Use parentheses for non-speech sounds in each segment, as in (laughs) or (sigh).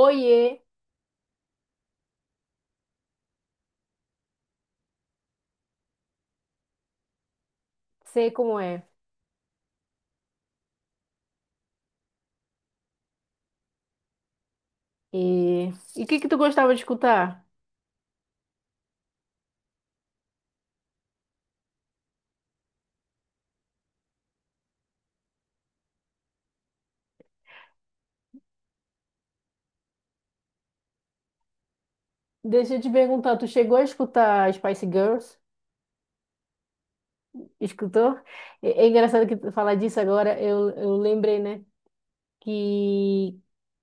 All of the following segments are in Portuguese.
Oiê, sei como é. E e o que que tu gostava de escutar? Deixa eu te perguntar, tu chegou a escutar Spice Girls? Escutou? É, é engraçado que tu falar disso agora, eu lembrei, né? Que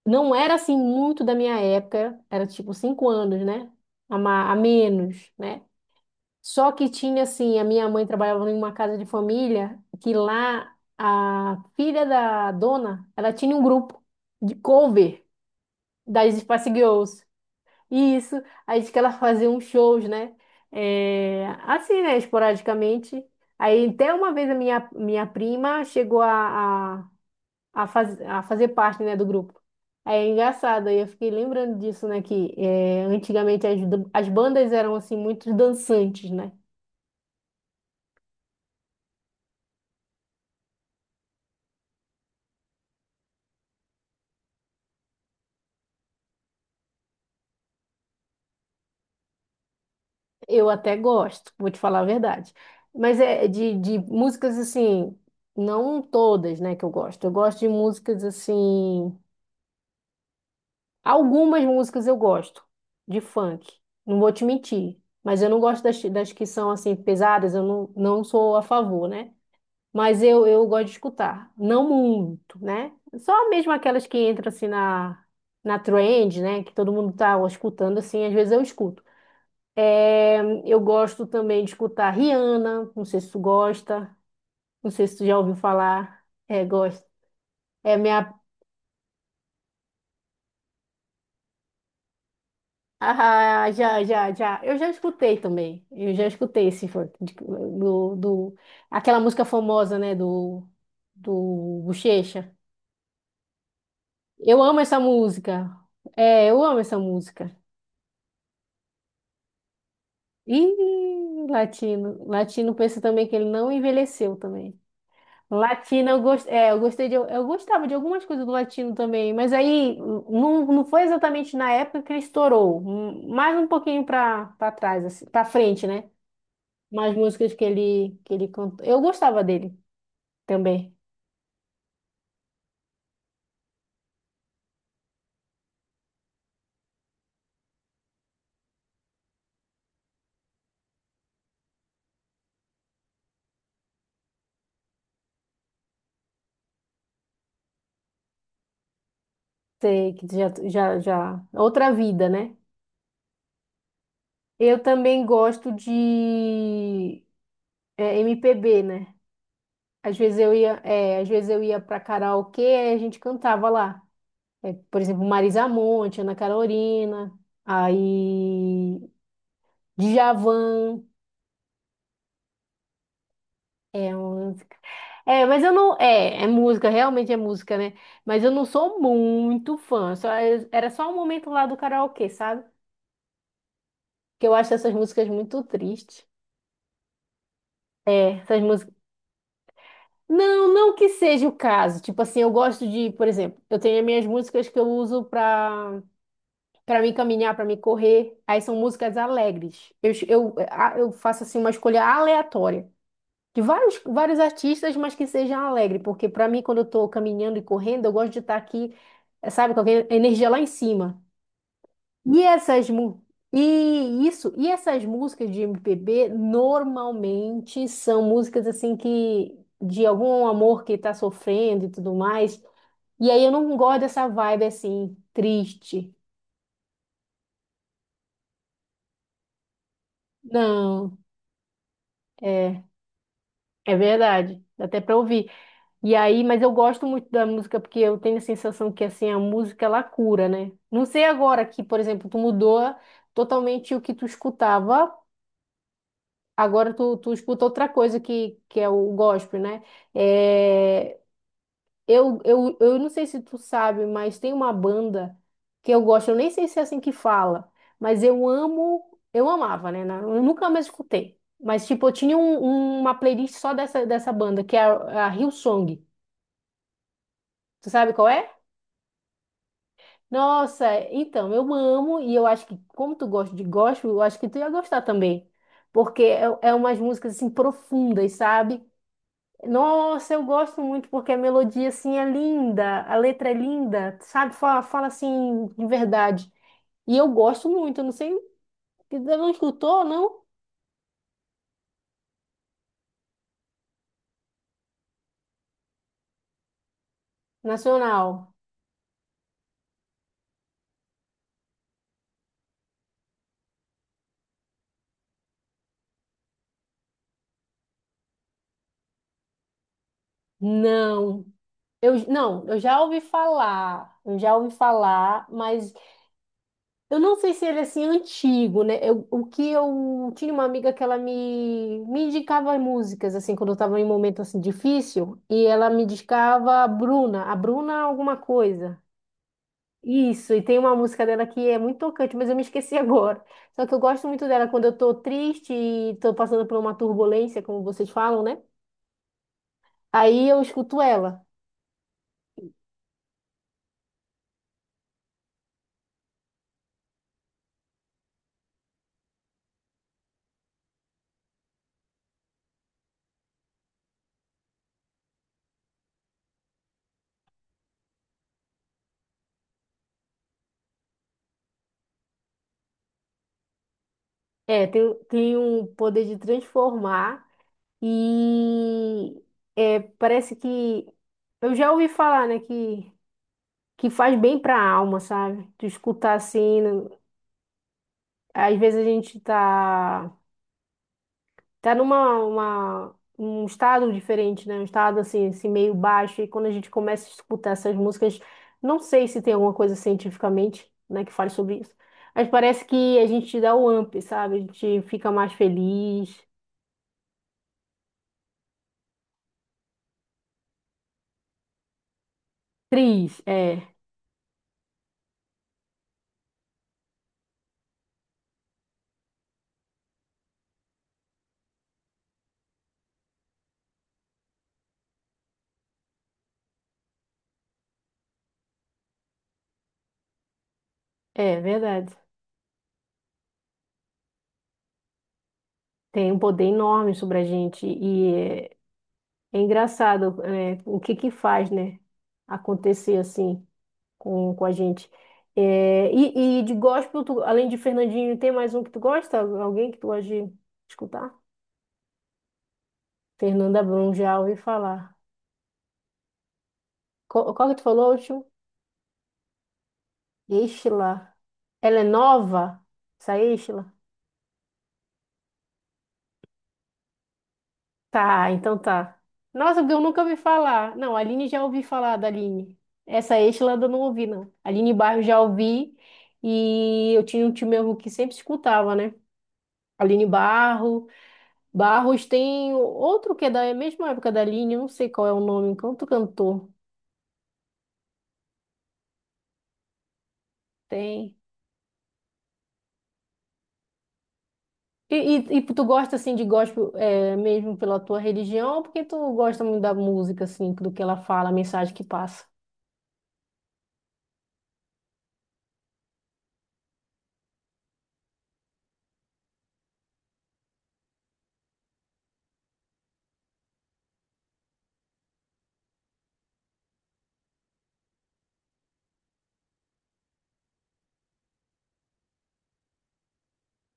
não era assim muito da minha época, era tipo cinco anos, né? A, a menos, né? Só que tinha assim, a minha mãe trabalhava em uma casa de família, que lá a filha da dona, ela tinha um grupo de cover das Spice Girls. Isso, aí diz que ela fazia uns shows, né? É, assim, né? Esporadicamente. Aí até uma vez a minha prima chegou a fazer parte, né, do grupo. Aí é engraçado, aí eu fiquei lembrando disso, né? Que é, antigamente as, as bandas eram, assim, muito dançantes, né? Eu até gosto, vou te falar a verdade. Mas é de músicas, assim, não todas, né, que eu gosto. Eu gosto de músicas, assim. Algumas músicas eu gosto de funk, não vou te mentir, mas eu não gosto das que são assim pesadas, eu não, não sou a favor, né? Mas eu gosto de escutar, não muito, né? Só mesmo aquelas que entram na trend, né? Que todo mundo tá escutando assim, às vezes eu escuto. É, eu gosto também de escutar Rihanna, não sei se tu gosta, não sei se tu já ouviu falar, é, gosto. É minha. Ah, já, já, já. Eu já escutei também. Eu já escutei esse for- de- do, do aquela música famosa, né, do Bochecha. Eu amo essa música. É, eu amo essa música. E latino pensa também que ele não envelheceu também. Latino, é, eu gostava de algumas coisas do latino também, mas aí não foi exatamente na época que ele estourou, mais um pouquinho para trás, assim, para frente, né? Mais músicas que ele cantou. Eu gostava dele também. Sei que já outra vida, né? Eu também gosto de é, MPB, né? Às vezes eu ia, é, às vezes eu ia para karaokê e a gente cantava lá. É, por exemplo, Marisa Monte, Ana Carolina, aí Djavan. É, é, mas eu não. É, é música, realmente é música, né? Mas eu não sou muito fã. Só, era só um momento lá do karaokê, sabe? Que eu acho essas músicas muito tristes. É, essas músicas. Não, não que seja o caso. Tipo assim, eu gosto de, por exemplo, eu tenho as minhas músicas que eu uso pra para me caminhar, pra me correr. Aí são músicas alegres. Eu, es- eu, a- Eu faço assim uma escolha aleatória de vários artistas, mas que sejam alegre, porque pra mim quando eu tô caminhando e correndo, eu gosto de estar aqui, sabe, com a energia lá em cima. E essas mu- e isso, E essas músicas de MPB normalmente são músicas assim que de algum amor que tá sofrendo e tudo mais. E aí eu não gosto dessa vibe assim triste. Não, é, é verdade. Dá até pra ouvir. E aí, mas eu gosto muito da música porque eu tenho a sensação que assim a música ela cura, né? Não sei agora que, por exemplo, tu mudou totalmente o que tu escutava. Agora tu escuta outra coisa que é o gospel, né? É, eu não sei se tu sabe, mas tem uma banda que eu gosto, eu nem sei se é assim que fala, mas eu amo, eu amava, né? Eu nunca mais escutei. Mas, tipo, uma playlist só dessa banda, que é a Hillsong. Tu sabe qual é? Nossa, então, eu amo e eu acho que, como tu gosta de gospel, eu acho que tu ia gostar também. Porque é, é umas músicas, assim, profundas, sabe? Nossa, eu gosto muito porque a melodia assim é linda, a letra é linda, sabe? Fala assim de verdade. E eu gosto muito, eu não sei, você não escutou, não? Nacional. Não. Eu já ouvi falar, eu já ouvi falar, mas eu não sei se ele é assim antigo, né? O que eu tinha uma amiga que ela me indicava músicas assim quando eu estava em um momento assim difícil e ela me indicava a Bruna alguma coisa. Isso, e tem uma música dela que é muito tocante, mas eu me esqueci (laughs) agora. Só que eu gosto muito dela quando eu tô triste e tô passando por uma turbulência, como vocês falam, né? Aí eu escuto ela. É, tem um poder de transformar e é, parece que eu já ouvi falar, né, que faz bem pra alma, sabe? Tu escutar assim, às vezes a gente tá um estado diferente, né? Um estado assim, meio baixo. E quando a gente começa a escutar essas músicas, não sei se tem alguma coisa cientificamente, né, que fale sobre isso, mas parece que a gente dá o up, sabe? A gente fica mais feliz, é, é verdade. Tem um poder enorme sobre a gente e é, é engraçado, é, o que que faz, né? Acontecer assim com a gente. É, e de gospel, além de Fernandinho, tem mais um que tu gosta? Alguém que tu gosta de escutar? Fernanda Brum, já ouvi falar. Qual que tu falou, último? Estela. Ela é nova? Essa Estela? Tá, então tá. Nossa, porque eu nunca ouvi falar. Não, a Aline já ouvi falar da Aline. Essa Estela eu não ouvi, não. Aline Barros já ouvi. E eu tinha um tio meu que sempre escutava, né? Aline Barros. Barros tem outro que é da mesma época da Aline, eu não sei qual é o nome, outro cantor. Tem. E, e tu gosta assim de gospel é, mesmo pela tua religião, ou porque tu gosta muito da música, assim, do que ela fala, a mensagem que passa.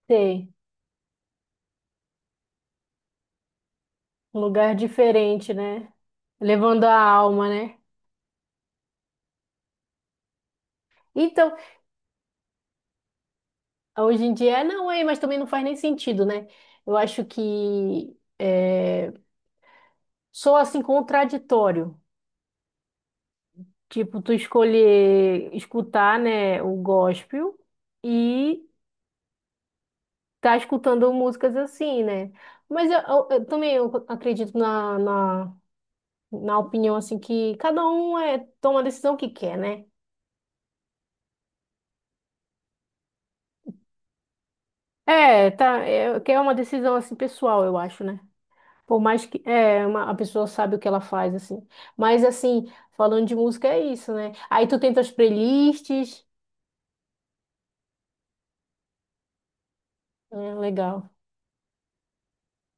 Sei. Um lugar diferente, né? Levando a alma, né? Então, hoje em dia, não é, mas também não faz nem sentido, né? Eu acho que é, sou assim contraditório. Tipo, tu escolher escutar, né, o gospel e tá escutando músicas assim, né? Mas eu também eu acredito na opinião, assim, que cada um é, toma a decisão que quer, né? É, tá, é, que é uma decisão, assim, pessoal, eu acho, né? Por mais que é, uma, a pessoa sabe o que ela faz, assim. Mas, assim, falando de música é isso, né? Aí tu tem tuas playlists, é, legal.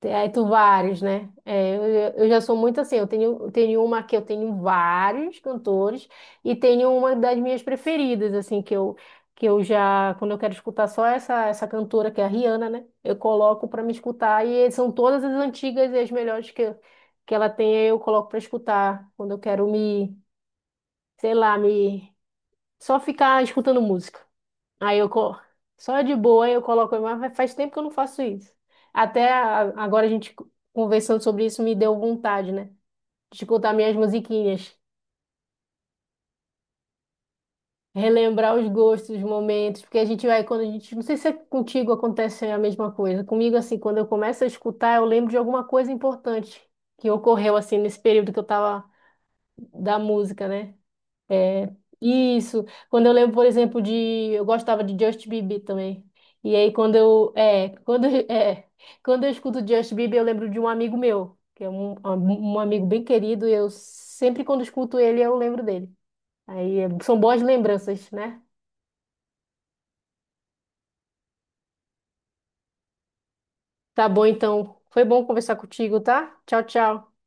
Tem- Aí tu vários, né? É, eu já sou muito assim, eu tenho uma que eu tenho vários cantores e tenho uma das minhas preferidas, assim, que eu já, quando eu quero escutar só essa cantora, que é a Rihanna, né? Eu coloco pra me escutar e são todas as antigas e as melhores que ela tem, eu coloco pra escutar quando eu quero sei lá, só ficar escutando música. Aí eu co- só de boa eu coloco, mas faz tempo que eu não faço isso. Agora a gente conversando sobre isso me deu vontade, né? De escutar minhas musiquinhas, relembrar os gostos, os momentos, porque a gente vai quando a gente, não sei se é contigo acontece a mesma coisa. Comigo assim, quando eu começo a escutar, eu lembro de alguma coisa importante que ocorreu assim nesse período que eu tava da música, né? É, isso. Quando eu lembro, por exemplo, de. Eu gostava de Justin Bieber também. E aí, quando eu. É, quando, (laughs) é, quando eu escuto Justin Bieber, eu lembro de um amigo meu, que é um amigo bem querido. E eu sempre, quando escuto ele, eu lembro dele. São boas lembranças, né? Tá bom, então. Foi bom conversar contigo, tá? Tchau, tchau.